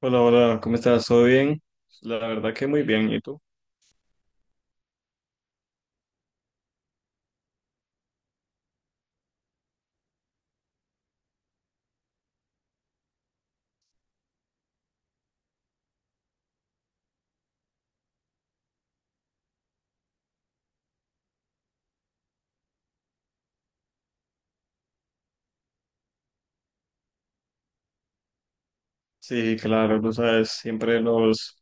Hola, hola, ¿cómo estás? ¿Todo bien? La verdad que muy bien, ¿y tú? Sí, claro, tú sabes, siempre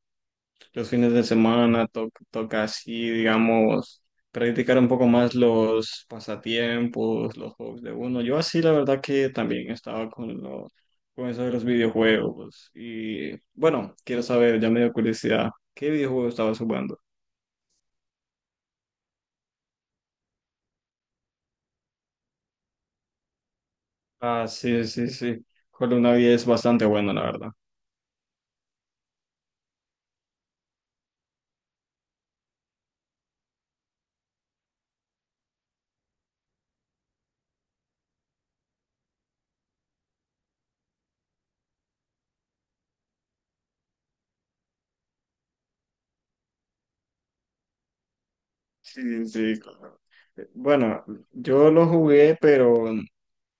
los fines de semana toca así, digamos, practicar un poco más los pasatiempos, los juegos de uno. Yo así, la verdad que también estaba con eso de los videojuegos. Y bueno, quiero saber, ya me dio curiosidad, ¿qué videojuego estabas jugando? Ah, sí, sí, sí. Hollow Knight es bastante bueno, la verdad. Sí, sí, claro. Bueno, yo lo jugué, pero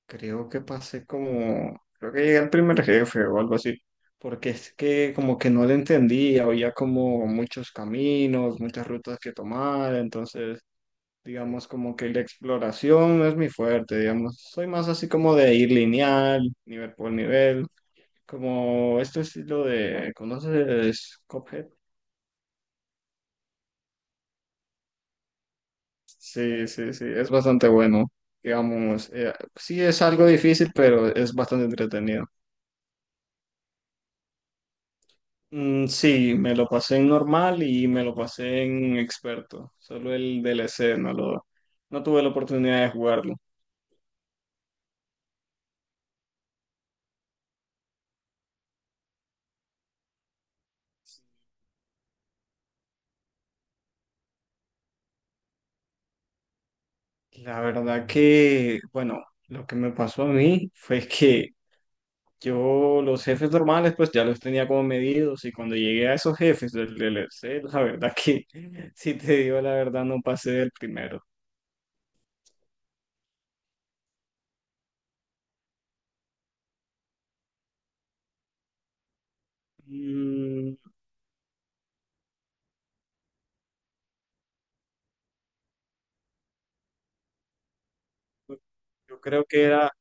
creo que creo que llegué al primer jefe o algo así, porque es que como que no le entendía, había como muchos caminos, muchas rutas que tomar, entonces digamos como que la exploración no es mi fuerte, digamos, soy más así como de ir lineal, nivel por nivel, como este estilo de, ¿conoces Cuphead? Sí, sí, sí, es bastante bueno. Digamos, sí es algo difícil, pero es bastante entretenido. Mm, sí, me lo pasé en normal y me lo pasé en experto. Solo el DLC, no tuve la oportunidad de jugarlo. La verdad que, bueno, lo que me pasó a mí fue que yo los jefes normales pues ya los tenía como medidos y cuando llegué a esos jefes del DLC, la verdad que, si te digo la verdad, no pasé del primero. Mm, Yo creo que era,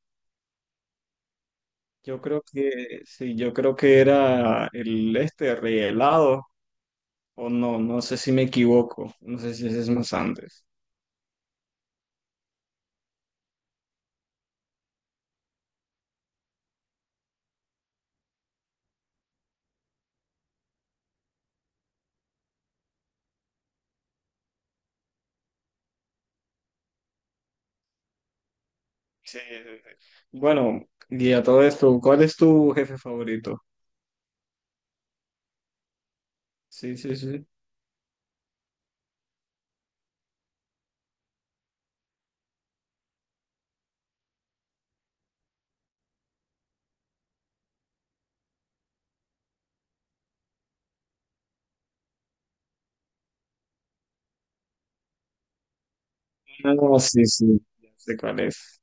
yo creo que, sí, yo creo que era el este rehelado, o no, no sé si me equivoco, no sé si ese es más antes. Sí, sí, sí. Bueno, y a todo esto, ¿cuál es tu jefe favorito? Sí, sí, sí. No, sí, sí, ya sé cuál es.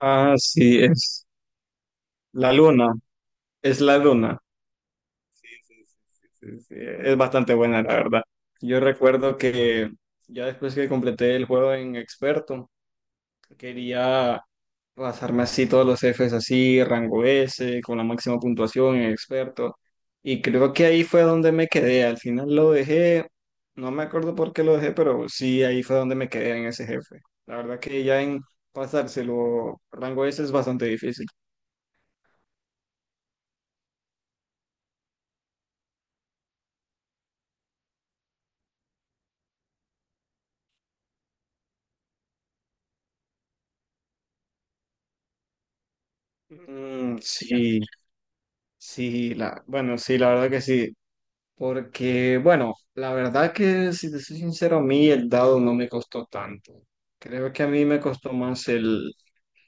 Ah, sí, es la luna, es la luna. Sí, sí, sí, sí, es bastante buena, la verdad. Yo recuerdo que ya después que completé el juego en experto, quería pasarme así todos los Fs así, rango S, con la máxima puntuación en experto. Y creo que ahí fue donde me quedé. Al final lo dejé, no me acuerdo por qué lo dejé, pero sí, ahí fue donde me quedé en ese jefe. La verdad que ya en pasárselo rango S es bastante difícil. Mm, sí, sí, bueno, sí, la verdad que sí. Porque, bueno, la verdad que si te soy sincero, a mí el dado no me costó tanto. Creo que a mí me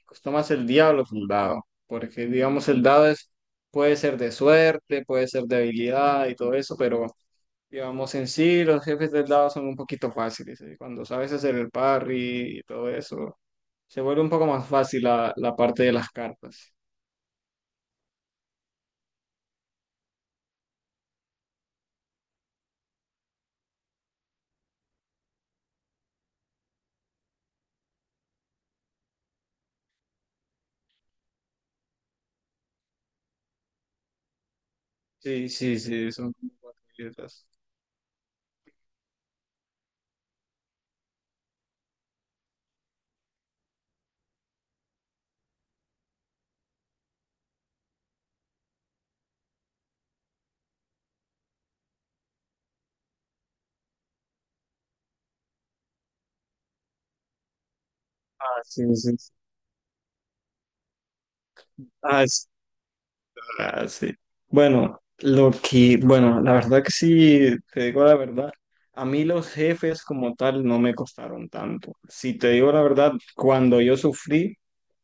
costó más el diablo que un dado, porque digamos el dado es, puede ser de suerte, puede ser de habilidad y todo eso, pero digamos en sí los jefes del dado son un poquito fáciles, ¿eh? Cuando sabes hacer el parry y todo eso, se vuelve un poco más fácil la parte de las cartas. Sí, sí, sí, son como cuatro letras. Ah, sí, sí, sí. Ah, ah, sí. Bueno, la verdad que sí, te digo la verdad, a mí los jefes como tal no me costaron tanto. Si te digo la verdad, cuando yo sufrí,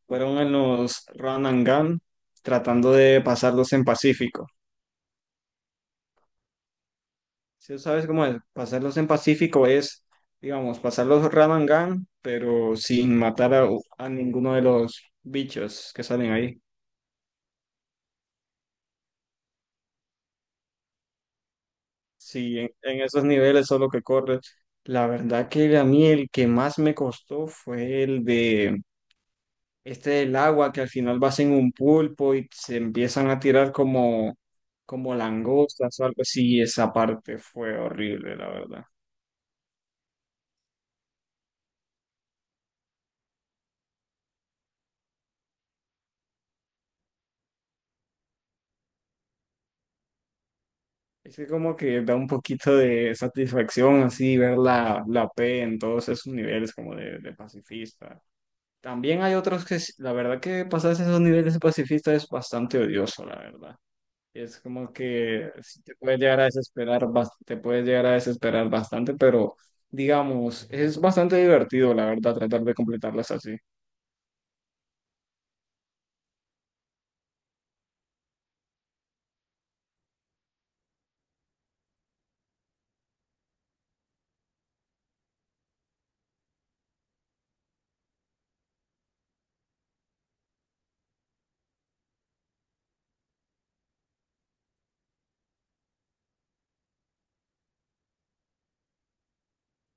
fueron en los run and gun, tratando de pasarlos en Pacífico. Si sabes cómo es, pasarlos en Pacífico es, digamos, pasar los run and gun, pero sin matar a ninguno de los bichos que salen ahí. Sí, en esos niveles solo que corres. La verdad que a mí el que más me costó fue el de este del agua, que al final vas en un pulpo y se empiezan a como langostas o algo así. Esa parte fue horrible, la verdad. Es que como que da un poquito de satisfacción así ver la P en todos esos niveles como de pacifista. También hay otros que, la verdad que pasarse esos niveles de pacifista es bastante odioso, la verdad. Es como que sí te puedes llegar a desesperar, te puedes llegar a desesperar bastante, pero digamos, es bastante divertido, la verdad, tratar de completarlas así.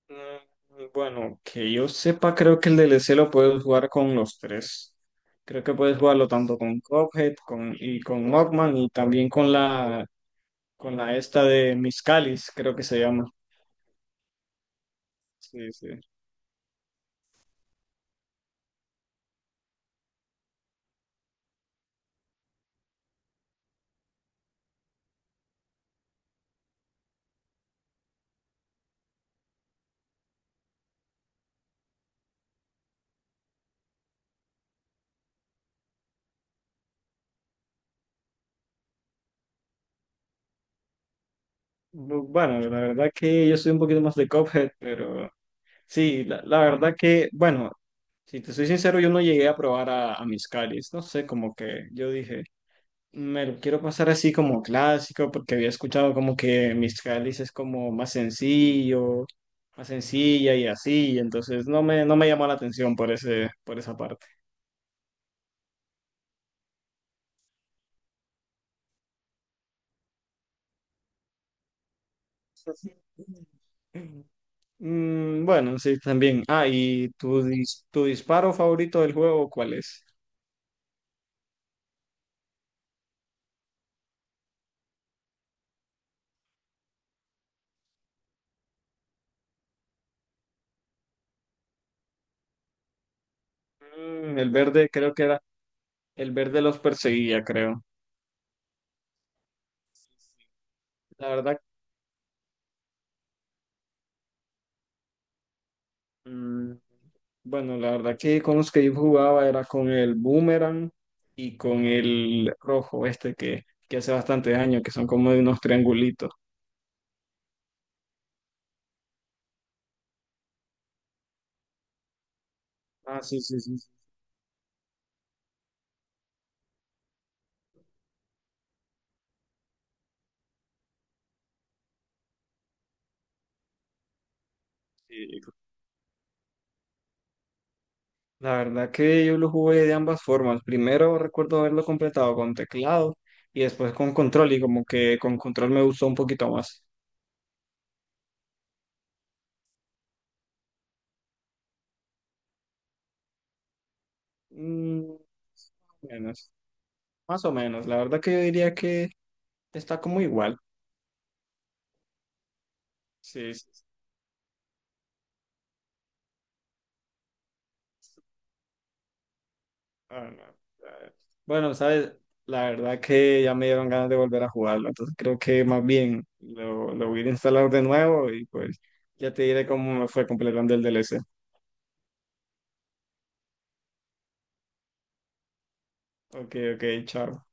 Mm, bueno, que yo sepa, creo que el DLC lo puedes jugar con los tres. Creo que puedes jugarlo tanto con y con Mockman y también con con la esta de Miscalis, creo que se llama. Sí, sí. Bueno, la verdad que yo soy un poquito más de Cuphead, pero sí, la verdad que, bueno, si te soy sincero, yo no llegué a a mis, no sé, como que yo dije, me lo quiero pasar así como clásico, porque había escuchado como que mis es como más sencillo, más sencilla y así. Y entonces no me llamó la atención por por esa parte. Mm, bueno, sí, también. Ah, ¿y tu disparo favorito del juego cuál es? Mm, el verde, creo que era. El verde los perseguía, creo. La verdad, bueno, la verdad que con los que yo jugaba era con el Boomerang y con el rojo este que hace bastante daño, que son como de unos triangulitos. Ah, sí, sí, sí, sí, sí. La verdad que yo lo jugué de ambas formas. Primero recuerdo haberlo completado con teclado y después con control y como que con control me gustó un poquito más. Mm, menos, más o menos. La verdad que yo diría que está como igual. Sí, sí. Ah, no. Ah, bueno, sabes, la verdad que ya me dieron ganas de volver a jugarlo, entonces creo que más bien lo voy a instalar de nuevo y pues ya te diré cómo me fue completando el DLC. Ok, ok, chao.